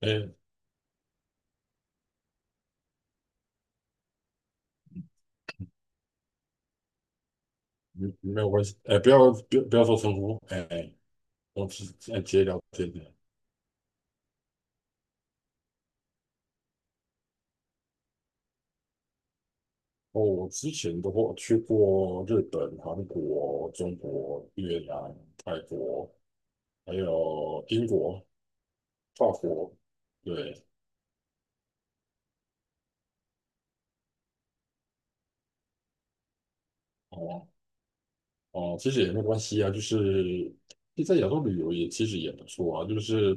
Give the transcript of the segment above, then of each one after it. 哎，没没有关系，哎，不要说称呼，哎，我们直哎直接聊天的。哦，我之前的话去过日本、韩国、中国、越南、泰国，还有英国、法国，对，哦哦，其实也没关系啊，就是在亚洲旅游也其实也不错啊，就是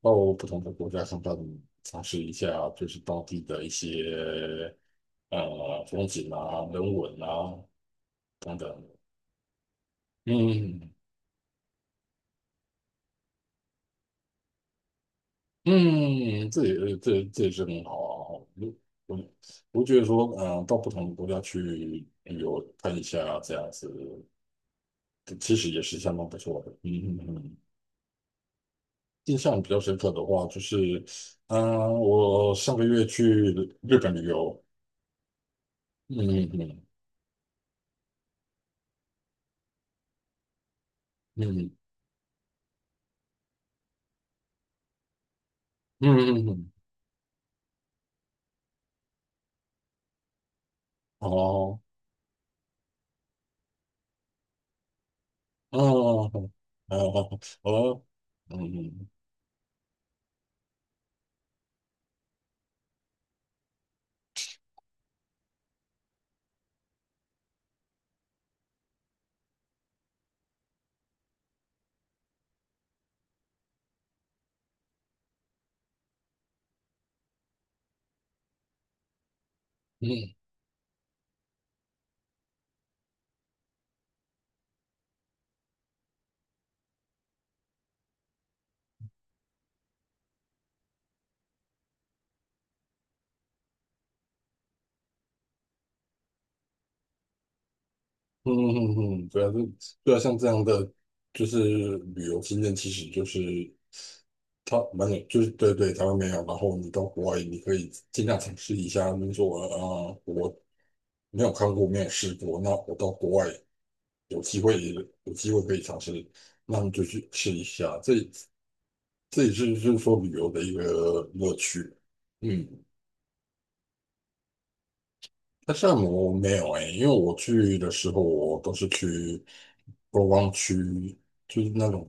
到不同的国家看看，尝试一下就是当地的一些风景啊、人文啊。等等，嗯嗯，这也是很好啊。我我觉得说，嗯，到不同的国家去旅游看一下这样子，其实也是相当不错的。嗯嗯嗯，印象比较深刻的话，就是，嗯，我上个月去日本旅游。嗯嗯嗯嗯嗯嗯，哦，哦哦，哦，嗯嗯嗯嗯嗯嗯，嗯对啊，对啊，像这样的就是旅游经验，其实就是它蛮有，就是对对，台湾没有，然后你到国外，你可以尽量尝试一下。你说啊、我没有看过，没有试过，那我到国外有机会，有机会可以尝试，那你就去试一下。这这也是就是说旅游的一个乐趣。嗯，但是按摩没有哎、因为我去的时候，我都是去观光区，就是那种。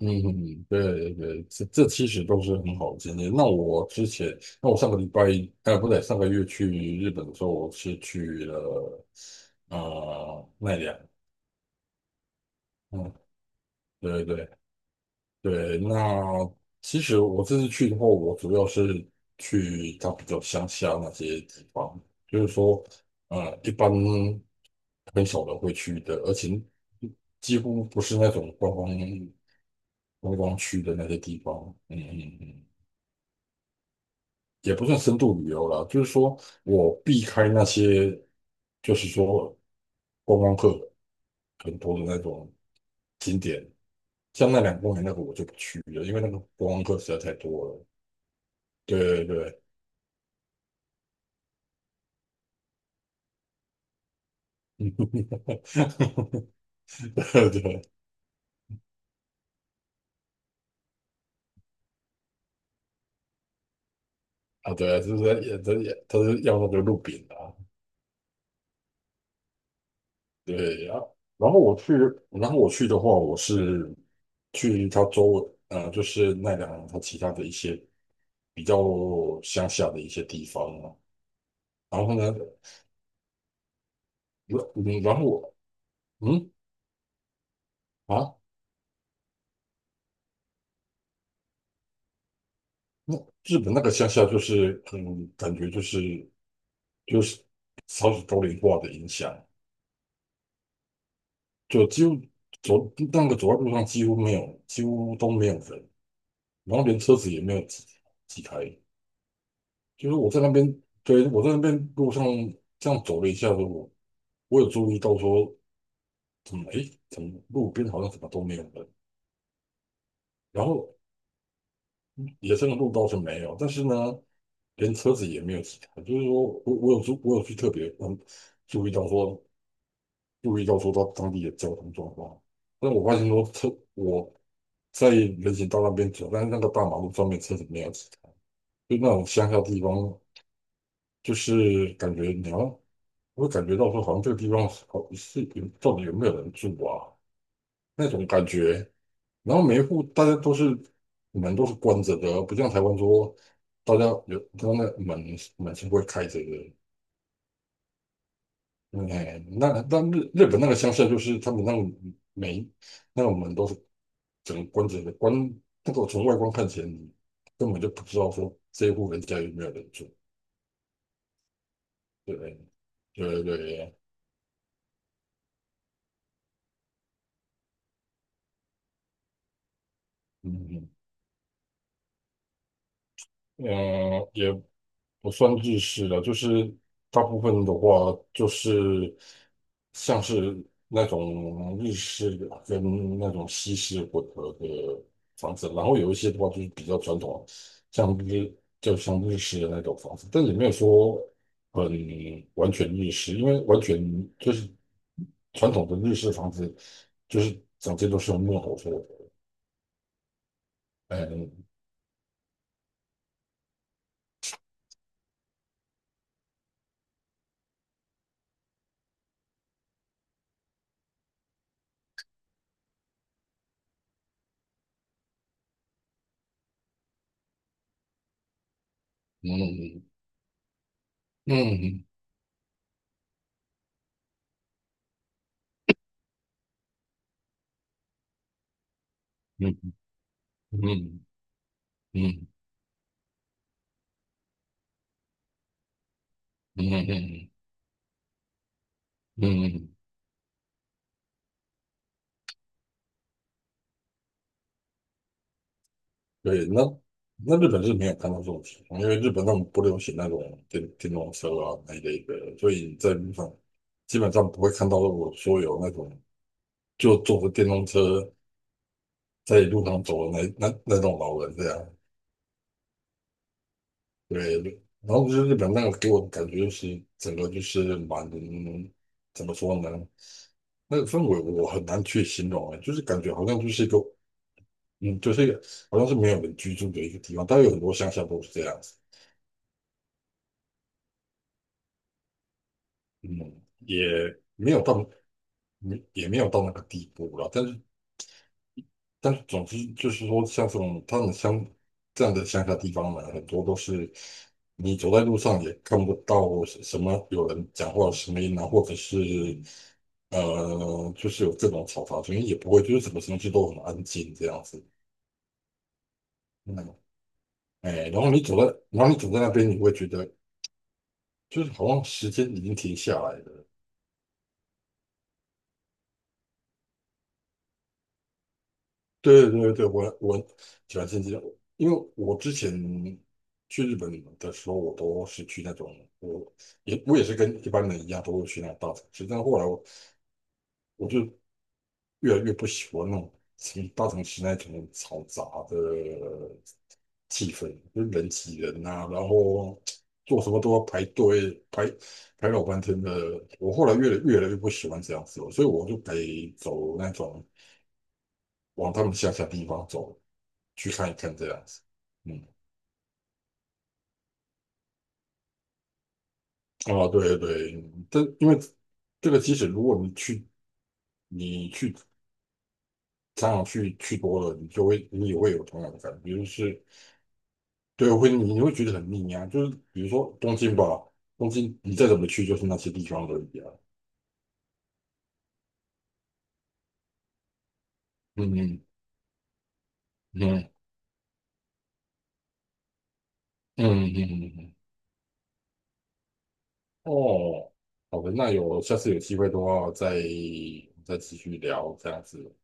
嗯，对对对，这这其实都是很好的经验。那我之前，那我上个礼拜，呃，不对，上个月去日本的时候，我是去了奈良。嗯，对对对，那其实我这次去的话，我主要是去它比较乡下那些地方，就是说，一般很少人会去的，而且几乎不是那种观光区的那些地方。嗯嗯嗯。也不算深度旅游啦，就是说我避开那些，就是说观光客很多的那种景点，像那两个公园那个我就不去了，因为那个观光客实在太多了。对对对，对对啊，对啊，就是在也在也他是要那个路饼啊，对啊。然后我去，然后我去的话，我是去他周围，呃，就是奈良他其他的一些比较乡下的一些地方，然后呢，我嗯，然后我嗯啊，那日本那个乡下就是很感觉就是少子高龄化的影响，就几乎走那个走在路上几乎没有，几乎都没有人，然后连车子也没有几台。就是我在那边，对，我在那边路上这样走了一下子，我有注意到说，诶，怎么路边好像怎么都没有人，然后野生的鹿倒是没有，但是呢，连车子也没有其他。就是说我我有去特别嗯注意到说注意到说到当地的交通状况，但我发现说我在人行道那边走，但是那个大马路上面车子没有其他，就那种乡下地方，就是感觉你要我会感觉到说好像这个地方好是有到底有没有人住啊那种感觉。然后每一户大家都是门都是关着的哦，不像台湾说大家有他门是会开着的。哎，那日本那个乡下就是他们那个每那个门都是整个关着的，那个从外观看起来你根本就不知道说这一户人家有没有人住。对对对，嗯嗯，呃，也不算日式的，就是大部分的话就是像是那种日式跟那种西式混合的房子，然后有一些的话就是比较传统，像日就像日式的那种房子，但也没有说很完全日式，因为完全就是传统的日式房子就是整间都是用木头做的，哎，嗯嗯嗯嗯嗯嗯嗯嗯嗯嗯嗯嗯。对，那日本是没有看到这种情况，因为日本他们不流行那种电动车啊那一类的，所以在路上基本上不会看到我说有那种就坐着电动车在路上走的那那种老人这样。对，然后就是日本那个给我的感觉就是整个就是蛮怎么说呢？那个氛围我很难去形容啊，就是感觉好像就是一个嗯，就是一个好像是没有人居住的一个地方，但有很多乡下都是这样子。嗯，也没有到，没也没有到那个地步了。但是，总之就是说，像这种他们乡这样的乡下地方呢，很多都是你走在路上也看不到什么有人讲话的声音啊，或者是就是有这种嘈杂声音，也不会，就是什么东西都很安静这样子。嗯，哎，然后你走在那边，你会觉得就是好像时间已经停下来了。对对对，我我喜欢新西兰，因为我之前去日本的时候，我都是去那种，我我也是跟一般人一样，都会去那种大城市。但后来我就越来越不喜欢那种大城市那种嘈杂的气氛，就是人挤人啊，然后做什么都要排队排排老半天的。我后来越来越不喜欢这样子了，所以我就得走那种往他们乡下地方走。去看一看这样子。嗯，啊，对对，这因为这个即使如果你去你去常常去多了，你也会有同样的感觉，就是对，你会觉得很腻啊。就是比如说东京吧，东京你再怎么去就是那些地方而已啊。嗯嗯嗯嗯嗯嗯，嗯哦，好的，那有下次有机会的话再继续聊这样子。